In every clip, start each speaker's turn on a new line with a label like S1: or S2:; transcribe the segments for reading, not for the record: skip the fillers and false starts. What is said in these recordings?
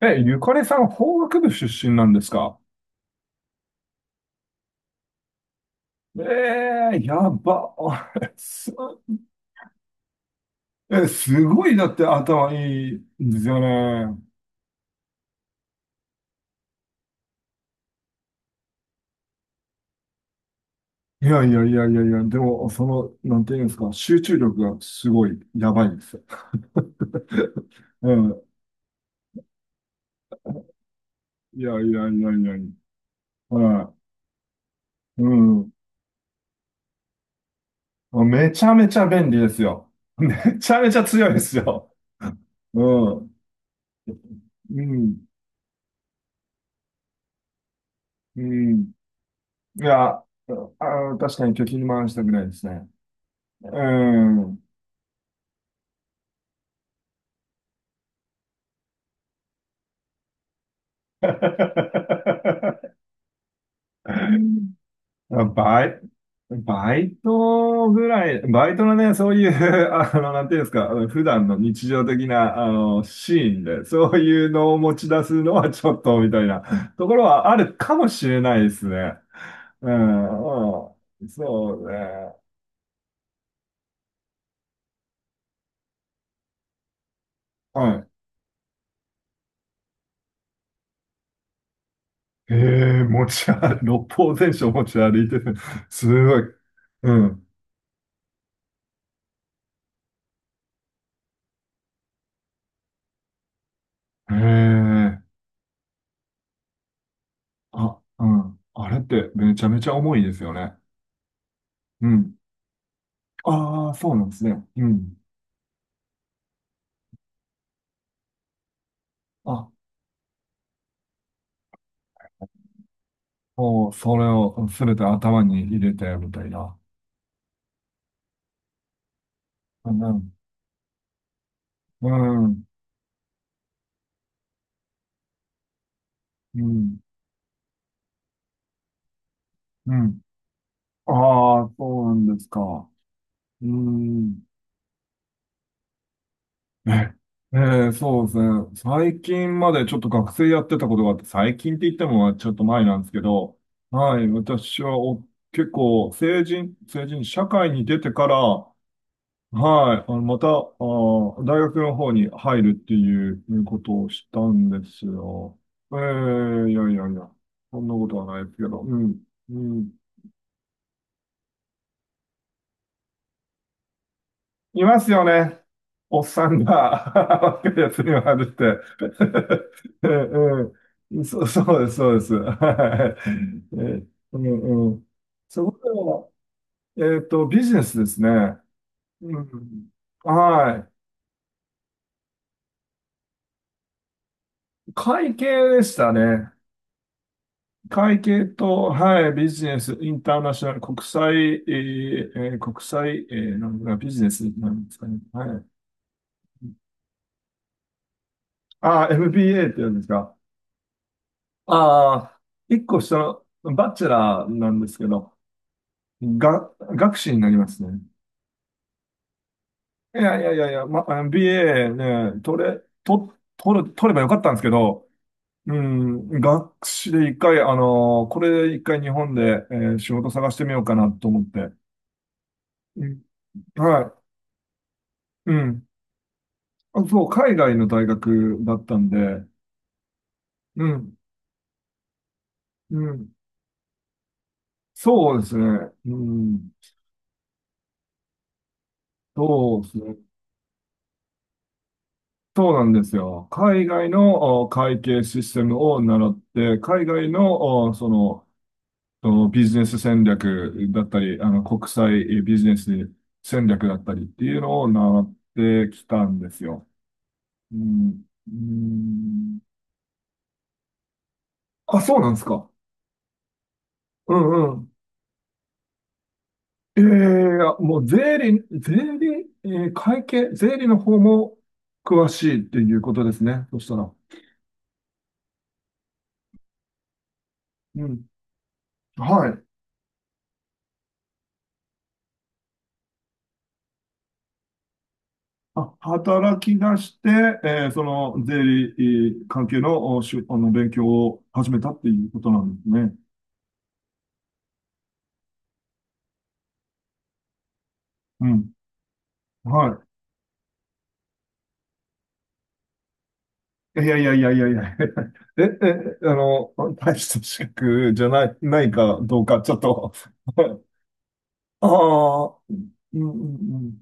S1: え、ゆかりさん、法学部出身なんですか？ええー、やば。すえ、すごい、だって頭いいんですよね。いやいやいやいやいや、でも、その、なんていうんですか、集中力がすごい、やばいですよ。うん。いやいやいやいやいや。はい。うん。めちゃめちゃ便利ですよ。めちゃめちゃ強いですよ。うん。うん。うん。いや、あ、確かに貯金回したくないですね。うん。あバイ、バイトぐらい、バイトのね、そういう、なんていうんですか、あの普段の日常的な、シーンで、そういうのを持ち出すのはちょっと、みたいなところはあるかもしれないですね。うん、うん、そうね。はい。ええ、持ち歩、六法全書持ち歩いてる？すごい。うん。ええ、あ、うん。あれってめちゃめちゃ重いですよね。うん。ああ、そうなんですね。うん。あ、もう、それをすべて頭に入れて、みたいな。うん。うん。うん。うん。ああ、そうなんですか？うん。え、えーそうですね。最近までちょっと学生やってたことがあって、最近って言ってもちょっと前なんですけど、はい、私は結構、成人、社会に出てから、はい。また、ー、大学の方に入るっていうことをしたんですよ。ええいやいやいや。そんなことはないですけど。うん。うん。いますよね。おっさんが 若いやつにはるって。ええええそうです、そうです。はい。ええうんうん。そこでは、ビジネスですね。うん。はい。会計でしたね。会計と、はい、ビジネス、インターナショナル、国際、国際、なんだ、ビジネスなんですかね。はい。ああ、MBA って言うんですか？ああ、一個下の、バチェラーなんですけど、が、学士になりますね。いやいやいやいや、ま、MBA ね、取れ、と、取る、取ればよかったんですけど、うん、学士で一回、これ一回日本で、仕事探してみようかなと思って。うん、はい。うん。あそう、海外の大学だったんで、うん、うん。そうですね。うん、そうですね。そうなんですよ。海外の会計システムを習って、海外の、おその、ビジネス戦略だったり、国際ビジネス戦略だったりっていうのを習ってきたんですよ。うん、うん、あ、そうなんですか？うんうん。ええもう税理、会計、税理の方も詳しいっていうことですね。そしたら。うん。はい。あ、働き出して、その税理関係の、おしゅ、勉強を始めたっていうことなんですね。うん。はい。いやいやいやいやいや え、え、大した資格じゃないかどうか、ちょっと ああ、うんうん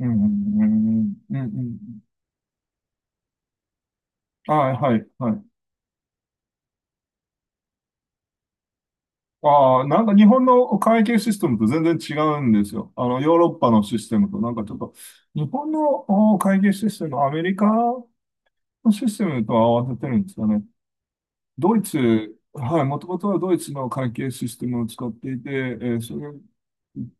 S1: うん。うんうんうんうんうんうんはい、はい、はい。ああ、なんか日本の会計システムと全然違うんですよ。ヨーロッパのシステムと、なんかちょっと、日本の会計システム、アメリカのシステムと合わせてるんですよね。ドイツ、はい、もともとはドイツの会計システムを使っていて、それ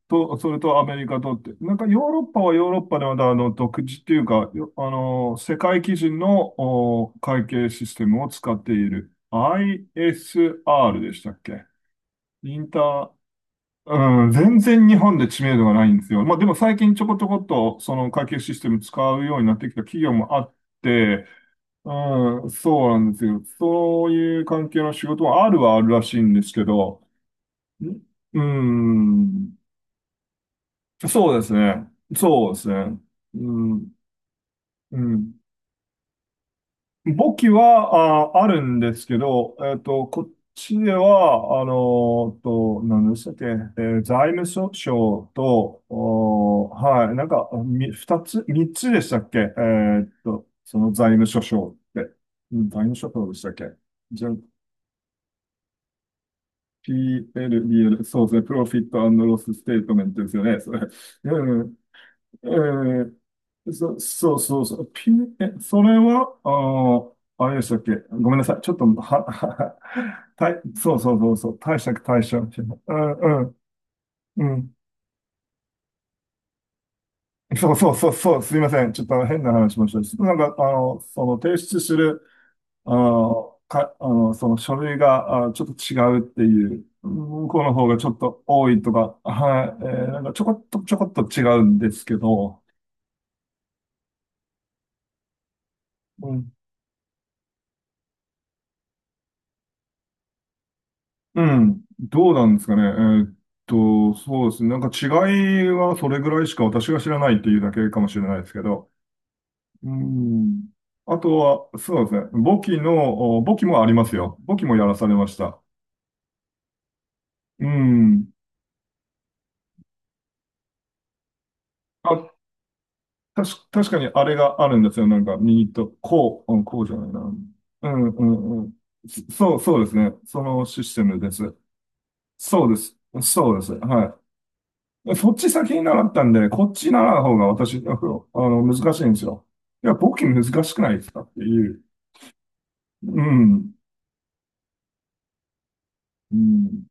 S1: と、それとアメリカとって、なんかヨーロッパはヨーロッパでまだ独自っていうか、よあの、世界基準の会計システムを使っている。ISR でしたっけ？インターうん、全然日本で知名度がないんですよ。まあでも最近ちょこちょこっとその会計システム使うようになってきた企業もあって、うん、そうなんですよ。そういう関係の仕事はあるはあるらしいんですけど、んうん、そうですね。そうですね。うん、うん。簿記は、あ、あるんですけど、こっちでは、何でしたっけ、財務諸省と、はい、なんか、二つ、三つでしたっけ？その財務諸省って、うん財務諸省でしたっけ？じゃ、PL、BL、そうですね、プロフィットロスステートメントですよね、それ。うんええそうそうそう。え、それは、あれでしたっけ？ごめんなさい。ちょっと、そうそうそうそう。貸借対借。うん、うん、うん。そうそうそう、そう、すいません。ちょっと変な話しました。なんか、その提出する、あの、か、あの、その書類が、あ、ちょっと違うっていう、向こうの方がちょっと多いとか、はい、なんかちょこっと、ちょこっと違うんですけど、うん、どうなんですかね。ーっそうですね。なんか違いはそれぐらいしか私が知らないっていうだけかもしれないですけど。うん。あとは、そうですね。簿記もありますよ。簿記もやらされました。うん。あ、確かにあれがあるんですよ。なんか右と、こう、うん、こうじゃないな。うんうんうん。そうですね。そのシステムです。そうです。そうです。はい。そっち先に習ったんでね、こっち習う方が私、難しいんですよ。いや、簿記難しくないですかっていう。うん。うん。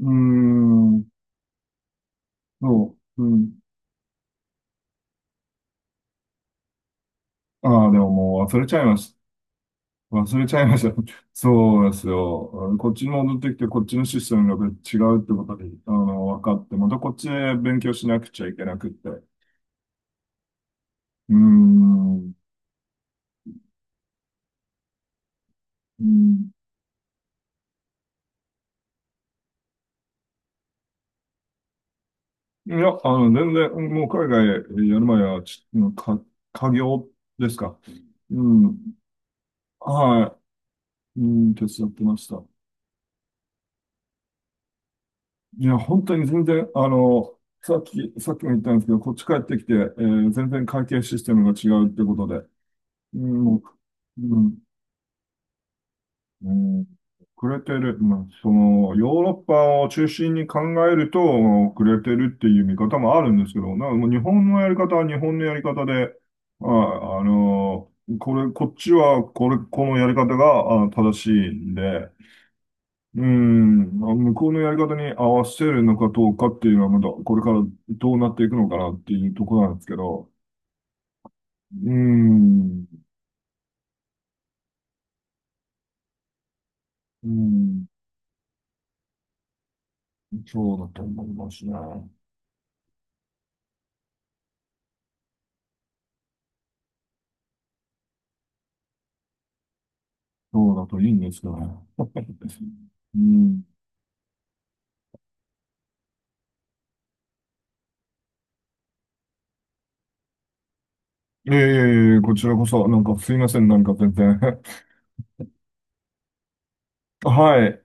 S1: うーん。そう。うん。ああ、でももう忘れちゃいました。忘れちゃいました。そうですよ。こっちに戻ってきて、こっちのシステムが違うってことで、分かって、またこっちで勉強しなくちゃいけなくって。うーん。うんいや、全然、もう海外やる前は、か、家業ですか？うん。はい。うん、手伝ってました。いや、本当に全然、さっきも言ったんですけど、こっち帰ってきて、全然会計システムが違うってことで、うん、もう、うん、うんくれてる、まあ、その、ヨーロッパを中心に考えると、くれてるっていう見方もあるんですけど、なんかもう日本のやり方は日本のやり方で、あ、あの、これ、こっちは、これ、このやり方が、あ、正しいんで、うん、まあ向こうのやり方に合わせるのかどうかっていうのは、まだこれからどうなっていくのかなっていうところなんですけど、うん、うん、そうだと思いますね。そうだといいんですけどね。うんいえいえいえ、こちらこそ、なんかすいません、なんか全然。はい。